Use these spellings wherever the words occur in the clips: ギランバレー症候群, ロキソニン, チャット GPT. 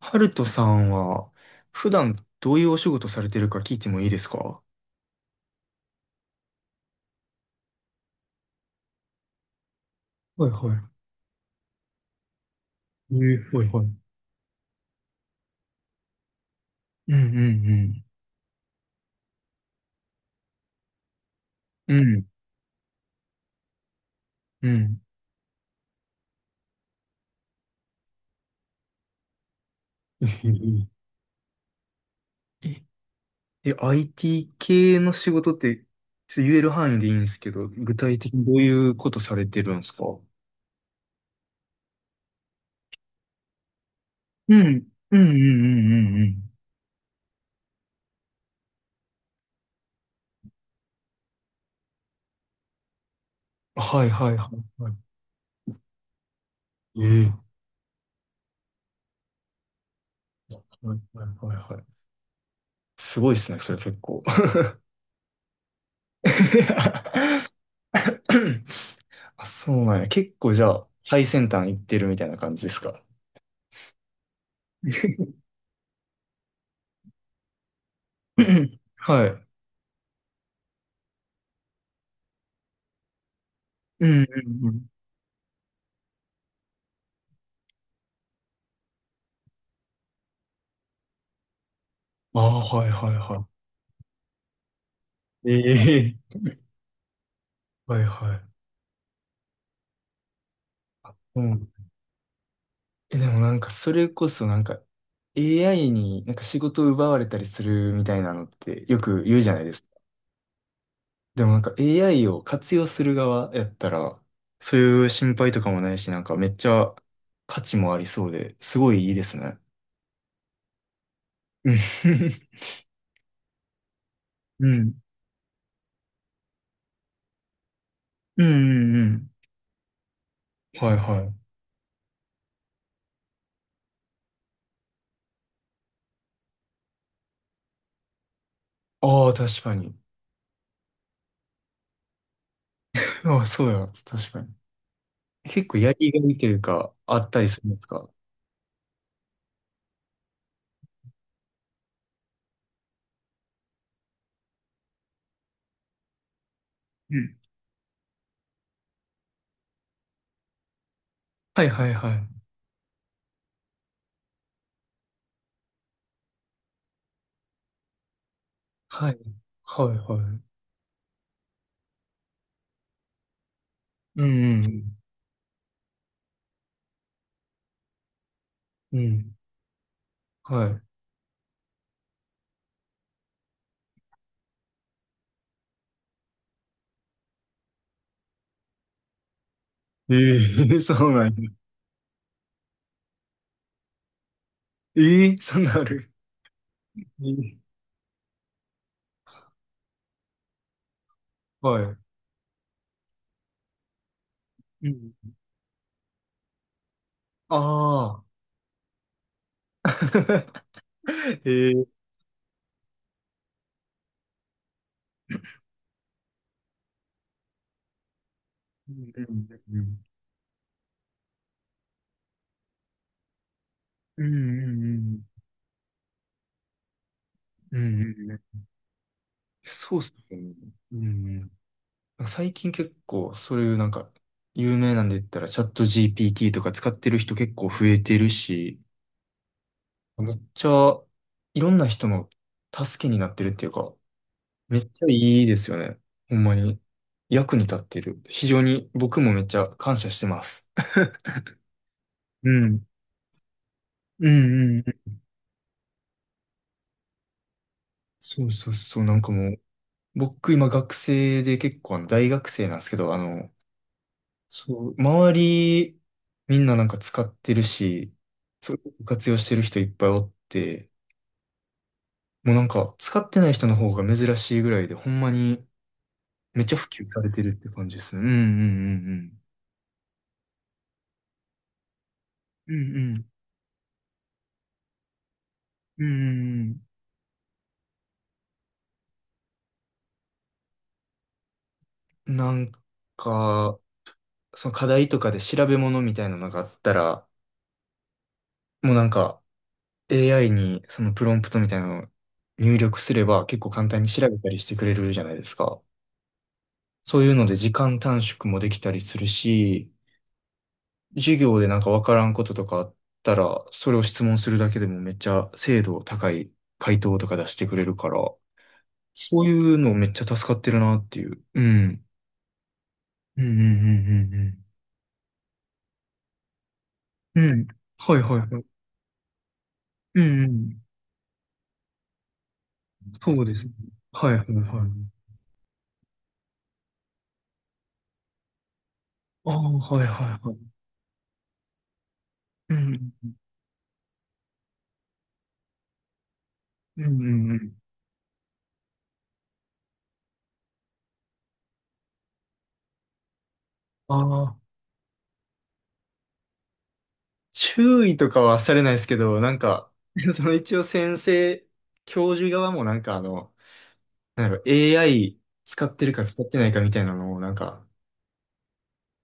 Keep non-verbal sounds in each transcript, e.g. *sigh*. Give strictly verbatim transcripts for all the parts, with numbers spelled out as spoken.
ハルトさんは、普段どういうお仕事されてるか聞いてもいいですか？はいはい。えー、はいはい。うんうんうん。うんうん。えーえ、え アイティー 系の仕事って、ちょっと言える範囲でいいんですけど、具体的にどういうことされてるんですか？うん、うんうんうんうんうん。はいはいはいはい。えーはいはいはいはい。すごいですね、それ結構。*laughs* *clears throat* あ、そうなんや。結構じゃあ、最先端行ってるみたいな感じですか？ *clears throat* はい。うんうんうん。ああ、はいはいはい。ええはいはい。うん。え、でもなんか、それこそなんか、エーアイ になんか仕事を奪われたりするみたいなのってよく言うじゃないですか。でもなんか エーアイ を活用する側やったら、そういう心配とかもないし、なんかめっちゃ価値もありそうで、すごいいいですね。うん。*laughs* うん。うんうんうん。はいはい。ああ、確かに。*laughs* ああ、そうや。確かに。結構やりがいというか、あったりするんですか？うんはいはいはい。はい。はいはい。うんうんうん。うん。はい。ええ *laughs* そうなんや。ええそんなんある。ええはい。うんああ。*laughs* ええうんうんうんうん。うんうんうんうんうんうんうんそうっすよね。うんうん。なんか最近結構、そういうなんか、有名なんで言ったら、チャット ジーピーティー とか使ってる人結構増えてるし、めっちゃ、いろんな人の助けになってるっていうか、めっちゃいいですよね。ほんまに。役に立ってる。非常に僕もめっちゃ感謝してます。*laughs* うん。うんうんうん。そうそうそう。なんかもう、僕今学生で結構あの大学生なんですけど、あの、そう、周り、みんななんか使ってるし、そういうこと活用してる人いっぱいおって、もうなんか使ってない人の方が珍しいぐらいで、ほんまにめっちゃ普及されてるって感じですね。うんうんうんうん。うんうん。うんうんうん。なんか、その課題とかで調べ物みたいなのがあったら、もうなんか エーアイ にそのプロンプトみたいなのを入力すれば結構簡単に調べたりしてくれるじゃないですか。そういうので時間短縮もできたりするし、授業でなんかわからんこととかあったら、それを質問するだけでもめっちゃ精度高い回答とか出してくれるから、そういうのめっちゃ助かってるなっていう。うん。うんうんうんうんうん。うん。はいはいはい。うんうん。そうですね。はいはいはい。ああ、はいはいはい。うん。うんうんうん。ああ、注意とかはされないですけど、なんか、*laughs* その一応先生、教授側もなんかあの、なんだろう、エーアイ 使ってるか使ってないかみたいなのを、なんか、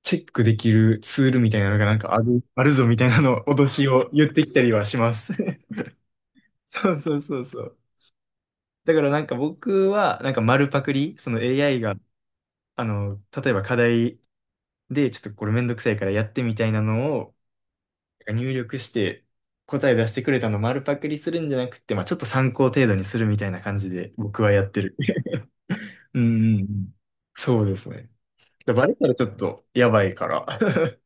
チェックできるツールみたいなのがなんかある、あるぞみたいなの脅しを言ってきたりはします。*laughs* そうそうそうそう。だからなんか僕は、なんか丸パクリ、その エーアイ が、あの、例えば課題で、ちょっとこれめんどくさいからやってみたいなのを、なんか入力して、答え出してくれたのを丸パクリするんじゃなくて、まあちょっと参考程度にするみたいな感じで僕はやってる。*laughs* うんうんうん。そうですね。でバレたらちょっとやばいから。*laughs*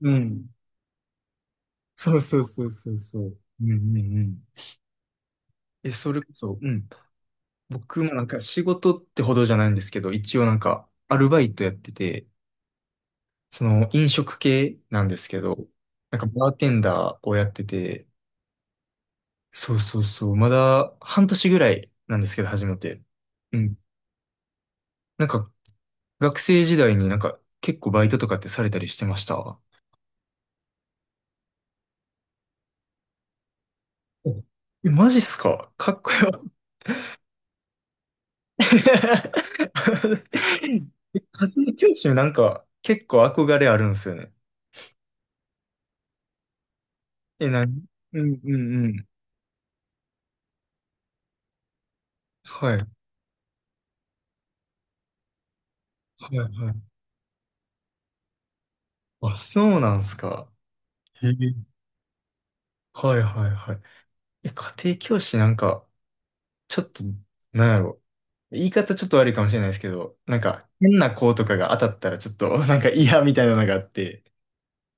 うん。そうそうそうそうそう。うんうんうん。え、それこそ、うん。僕もなんか仕事ってほどじゃないんですけど、一応なんかアルバイトやってて、その飲食系なんですけど、なんかバーテンダーをやってて、そうそうそう、まだ半年ぐらいなんですけど、初めて。うん。なんか学生時代になんか結構バイトとかってされたりしてました？おえ、マジっすかかっこよ。*laughs* 家庭教師なんか結構憧れあるんですよね。え、なにうんうんうん。はい。はいはい。あ、そうなんすか。へえ。はいはいはい。え、家庭教師なんか、ちょっと、なんやろ。言い方ちょっと悪いかもしれないですけど、なんか変な子とかが当たったらちょっと *laughs* なんか嫌みたいなのがあって、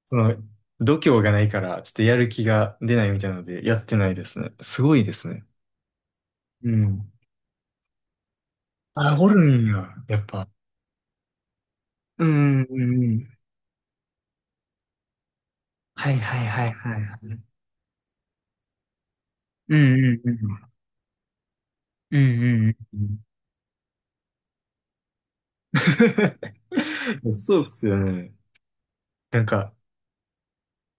その度胸がないからちょっとやる気が出ないみたいなのでやってないですね。すごいですね。うん。あ、おるんや、やっぱ。うん、うん、うん。はいはいはいはいはい。うん、うん、うん。うん、うん、うん。*laughs* そうっすよね。なんか、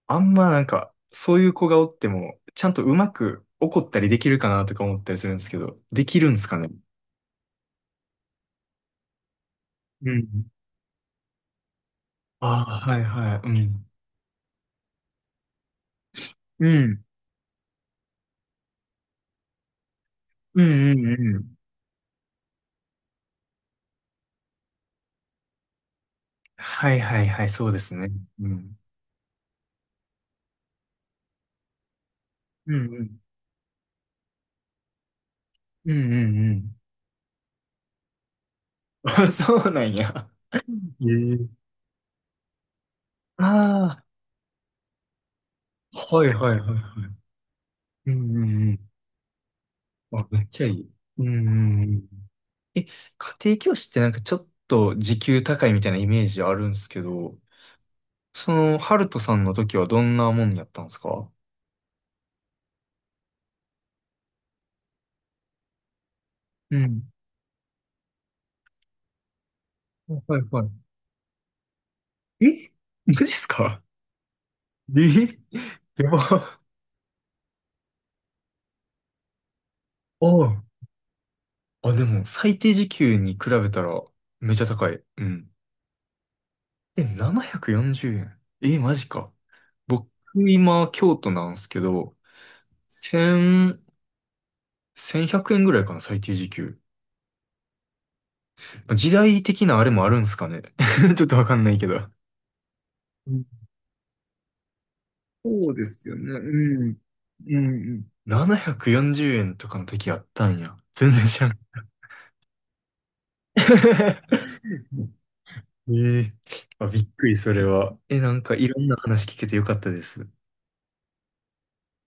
あんまなんか、そういう子がおっても、ちゃんとうまく怒ったりできるかなとか思ったりするんですけど、できるんですかね。うん。ああ、はいはい。うん。うん。うんうんうん。はいはいはい、そうですね。うん。うんうん。うんうんうん。*laughs* あそうなんや。ええ。ああ、はいはいはいはい。うんうんうん。あ、めっちゃいい。うんうんうん。え、家庭教師ってなんかちょっと時給高いみたいなイメージあるんですけど、その、ハルトさんの時はどんなもんやったんですか？うん。はいはい。えマジっすかえやば。ああ。あ、でも、最低時給に比べたら、めちゃ高い。うん。え、ななひゃくよんじゅうえん。え、マジか。僕、今、京都なんですけど、せんせんひゃくえんぐらいかな、最低時給。まあ時代的なあれもあるんすかね。*laughs* ちょっとわかんないけど。そうですよね。うん。うん。ななひゃくよんじゅうえんとかの時あったんや。全然知らん。*laughs* ええあ、びっくり、それは。え、なんかいろんな話聞けてよかったです。